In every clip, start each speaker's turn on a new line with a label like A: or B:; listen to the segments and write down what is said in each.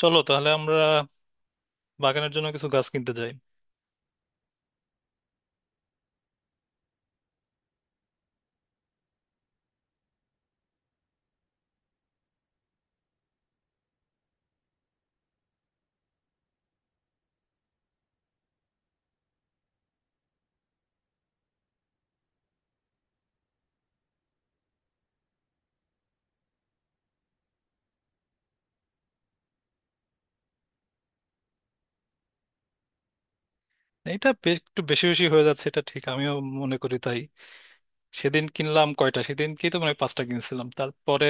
A: চলো তাহলে আমরা বাগানের জন্য কিছু গাছ কিনতে যাই। এটা একটু বেশি বেশি হয়ে যাচ্ছে, এটা ঠিক, আমিও মনে করি তাই। সেদিন কিনলাম কয়টা, সেদিন কি তো মানে 5টা কিনছিলাম, তারপরে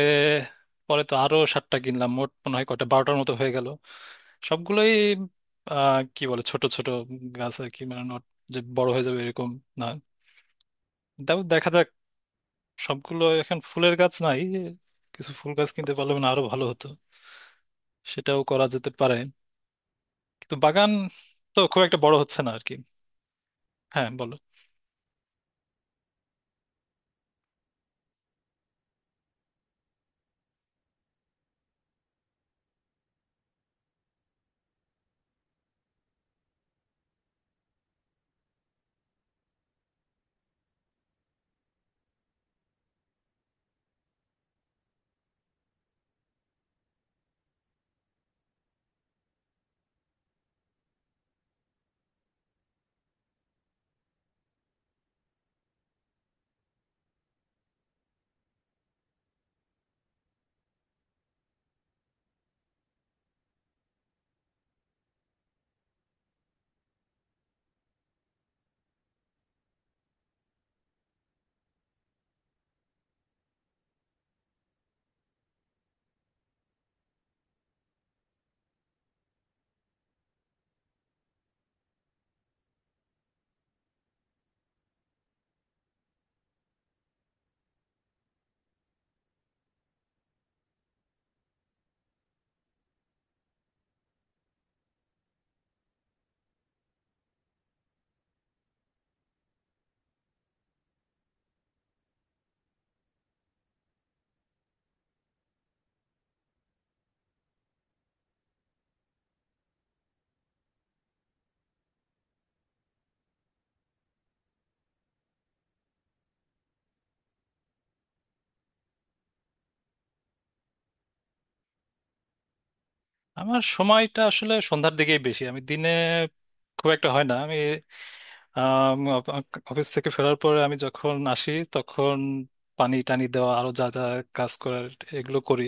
A: পরে তো আরো 7টা কিনলাম, মোট মনে হয় কয়টা 12টার মতো হয়ে গেল। সবগুলোই কি বলে ছোট ছোট গাছ আর কি, মানে নট যে বড় হয়ে যাবে এরকম না। তাও দেখা যাক। সবগুলো এখন ফুলের গাছ নাই, কিছু ফুল গাছ কিনতে পারলে মানে আরো ভালো হতো, সেটাও করা যেতে পারে। কিন্তু বাগান তো খুব একটা বড় হচ্ছে না আর কি। হ্যাঁ বলো। আমার সময়টা আসলে সন্ধ্যার দিকেই বেশি, আমি দিনে খুব একটা হয় না। আমি আম, অফ- অফিস থেকে ফেরার পরে আমি যখন আসি তখন পানি টানি দেওয়া আরো যা যা কাজ করার এগুলো করি।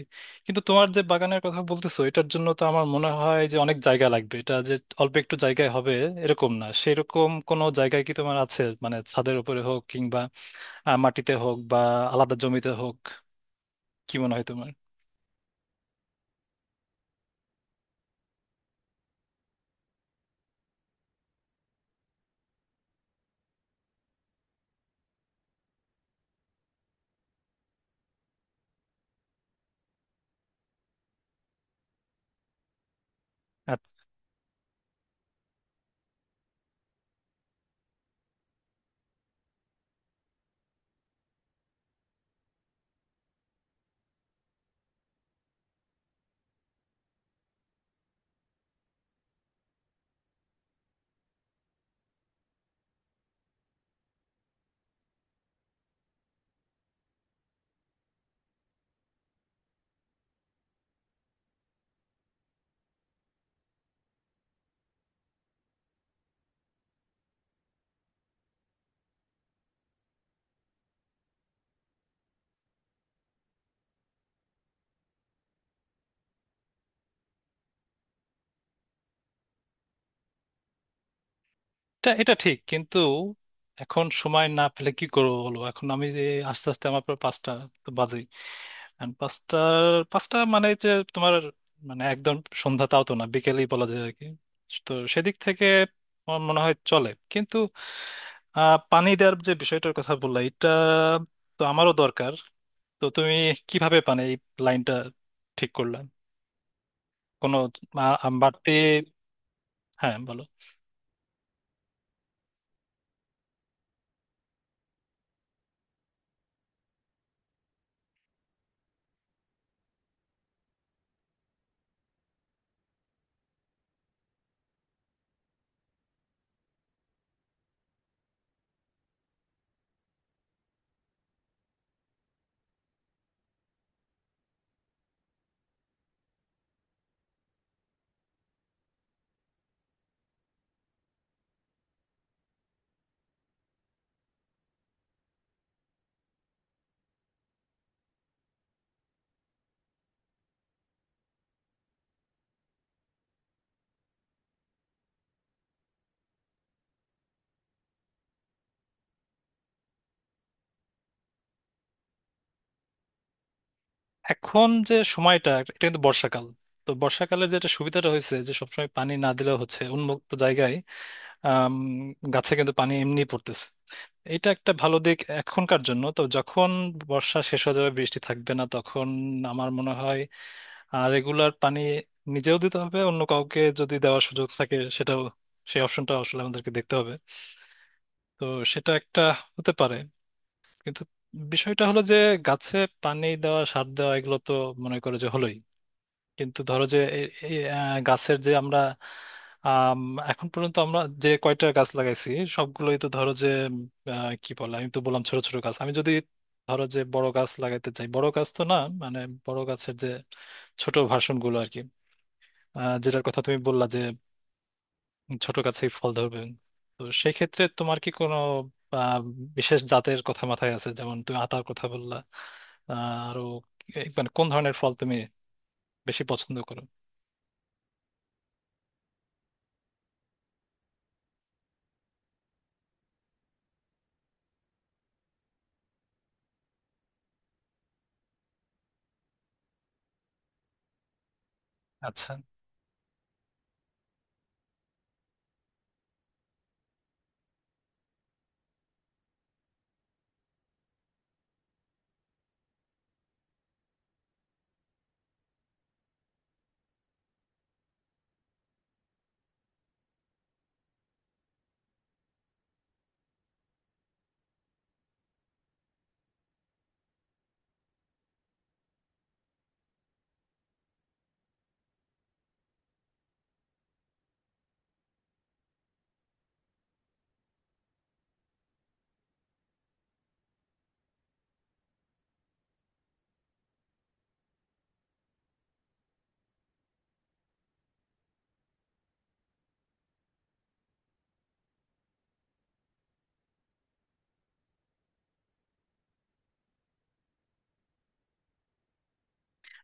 A: কিন্তু তোমার যে বাগানের কথা বলতেছো এটার জন্য তো আমার মনে হয় যে অনেক জায়গা লাগবে। এটা যে অল্প একটু জায়গায় হবে এরকম না। সেরকম কোনো জায়গায় কি তোমার আছে, মানে ছাদের উপরে হোক কিংবা মাটিতে হোক বা আলাদা জমিতে হোক? কি মনে হয় তোমার? এটা এটা ঠিক, কিন্তু এখন সময় না পেলে কি করবো বলো। এখন আমি যে আস্তে আস্তে আমার প্রায় 5টা তো বাজেই। And 5টার 5টা মানে যে তোমার মানে একদম সন্ধ্যা তাও তো না, বিকেলেই বলা যায় আর কি। তো সেদিক থেকে আমার মনে হয় চলে। কিন্তু পানি দেওয়ার যে বিষয়টার কথা বললা এটা তো আমারও দরকার। তো তুমি কিভাবে পানি এই লাইনটা ঠিক করলে? কোনো বাড়তি। হ্যাঁ বলো। এখন যে সময়টা এটা কিন্তু বর্ষাকাল। তো বর্ষাকালে যেটা সুবিধাটা হয়েছে যে সবসময় পানি না দিলেও হচ্ছে উন্মুক্ত জায়গায়। আম, গাছে কিন্তু পানি এমনি পড়তেছে। এটা একটা ভালো দিক এখনকার জন্য। তো যখন বর্ষা শেষ হয়ে যাবে, বৃষ্টি থাকবে না তখন আমার মনে হয় রেগুলার পানি নিজেও দিতে হবে। অন্য কাউকে যদি দেওয়ার সুযোগ থাকে সেটাও, সেই অপশনটা আসলে আমাদেরকে দেখতে হবে। তো সেটা একটা হতে পারে। কিন্তু বিষয়টা হলো যে গাছে পানি দেওয়া সার দেওয়া এগুলো তো মনে করে যে হলোই। কিন্তু ধরো যে গাছের যে আমরা, আম, এখন পর্যন্ত আমরা যে কয়টা গাছ লাগাইছি সবগুলোই তো ধরো যে, কি বলে, আমি তো বললাম ছোট ছোট গাছ। আমি যদি ধরো যে বড় গাছ লাগাইতে চাই, বড় গাছ তো না মানে বড় গাছের যে ছোট ভার্সন গুলো আর কি। যেটার কথা তুমি বললা যে ছোট গাছেই ফল ধরবে। তো সেই ক্ষেত্রে তোমার কি কোনো আহ, বিশেষ জাতের কথা মাথায় আছে? যেমন তুমি আতার কথা বললা। আহ, আরো মানে কোন ধরনের ফল তুমি বেশি পছন্দ করো? আচ্ছা।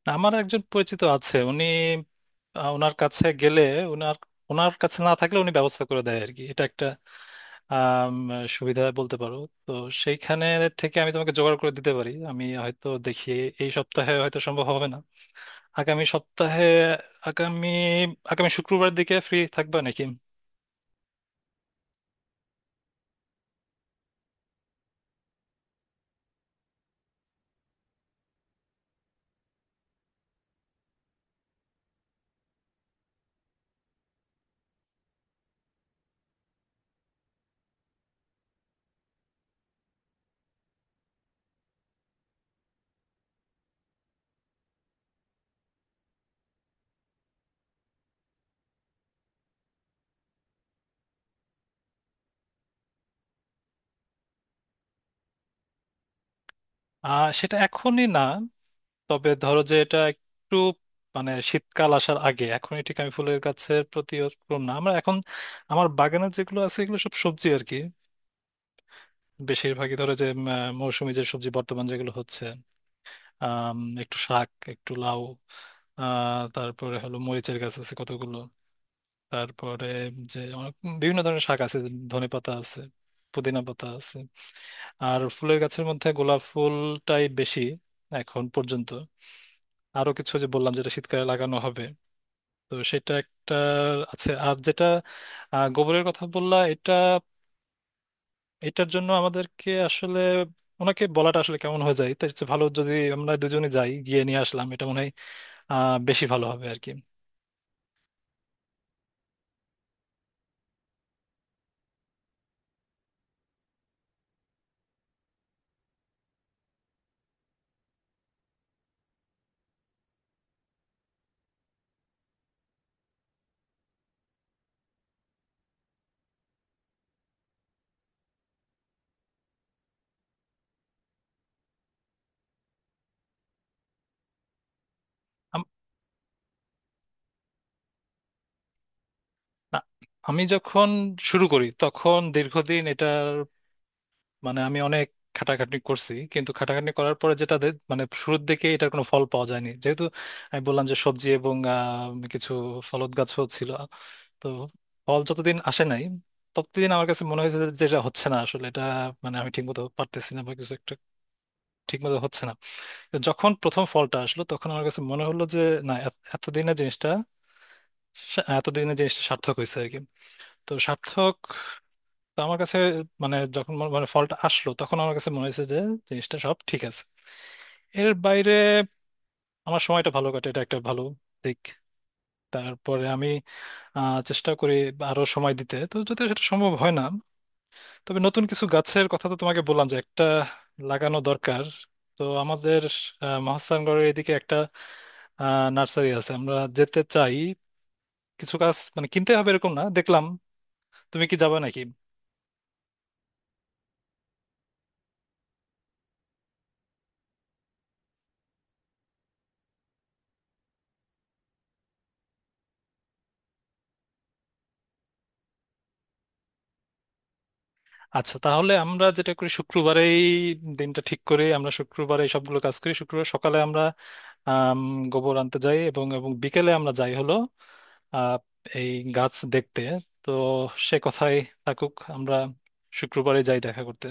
A: না, আমার একজন পরিচিত আছে। উনি, ওনার কাছে গেলে, ওনার ওনার কাছে না থাকলে উনি ব্যবস্থা করে দেয় আর কি। এটা একটা আম, সুবিধা বলতে পারো। তো সেইখানে থেকে আমি তোমাকে জোগাড় করে দিতে পারি। আমি হয়তো দেখি, এই সপ্তাহে হয়তো সম্ভব হবে না, আগামী সপ্তাহে। আগামী আগামী শুক্রবার দিকে ফ্রি থাকবা নাকি? সেটা এখনই না। তবে ধরো যে এটা একটু মানে শীতকাল আসার আগে, এখনই ঠিক আমি ফুলের গাছের প্রতি ওরকম না। আমরা এখন, আমার বাগানে যেগুলো আছে এগুলো সব সবজি আর কি। বেশিরভাগই ধরো যে মৌসুমী যে সবজি, বর্তমান যেগুলো হচ্ছে, আম, একটু শাক, একটু লাউ, তারপরে হলো মরিচের গাছ আছে কতগুলো। তারপরে যে অনেক বিভিন্ন ধরনের শাক আছে, ধনে পাতা আছে, পুদিনা পাতা আছে। আর ফুলের গাছের মধ্যে গোলাপ ফুলটাই বেশি এখন পর্যন্ত। আরো কিছু যে বললাম যেটা শীতকালে লাগানো হবে, তো সেটা একটা আছে। আর যেটা গোবরের কথা বললা, এটা, এটার জন্য আমাদেরকে আসলে ওনাকে বলাটা আসলে কেমন হয়ে যায়। তাই হচ্ছে ভালো যদি আমরা দুজনে যাই, গিয়ে নিয়ে আসলাম, এটা মনে হয় বেশি ভালো হবে আর কি। আম- না, আমি যখন শুরু করি তখন দীর্ঘদিন এটার মানে আমি অনেক খাটাখাটনি করছি। কিন্তু খাটাখাটনি করার পরে যেটা মানে শুরুর দিকে এটার কোনো ফল পাওয়া যায়নি, যেহেতু আমি বললাম যে সবজি এবং কিছু ফলদ গাছও ছিল। তো ফল যতদিন আসে নাই ততদিন আমার কাছে মনে হয়েছে যে যেটা হচ্ছে না আসলে, এটা মানে আমি ঠিকমতো পারতেছি না বা কিছু একটা ঠিকমতো হচ্ছে না। তো যখন প্রথম ফলটা আসলো তখন আমার কাছে মনে হলো যে না, এতদিনের জিনিসটা, এতদিনের জিনিসটা সার্থক হয়েছে আর কি। তো সার্থক, তো আমার কাছে মানে যখন মানে ফলটা আসলো তখন আমার কাছে মনে হয়েছে যে জিনিসটা সব ঠিক আছে। এর বাইরে আমার সময়টা ভালো কাটে, এটা একটা ভালো দিক। তারপরে আমি চেষ্টা করি আরো সময় দিতে। তো যদি সেটা সম্ভব হয় না, তবে নতুন কিছু গাছের কথা তো তোমাকে বললাম যে একটা লাগানো দরকার। তো আমাদের মহাস্থানগড়ের এদিকে একটা নার্সারি আছে, আমরা যেতে চাই। কিছু গাছ মানে কিনতে হবে এরকম না দেখলাম। তুমি কি যাবে নাকি? আচ্ছা তাহলে আমরা যেটা করি শুক্রবারেই দিনটা ঠিক করে আমরা শুক্রবারে এই সবগুলো কাজ করি। শুক্রবার সকালে আমরা, আম, গোবর আনতে যাই এবং এবং বিকেলে আমরা যাই হলো আহ, এই গাছ দেখতে। তো সে কথাই থাকুক, আমরা শুক্রবারে যাই দেখা করতে।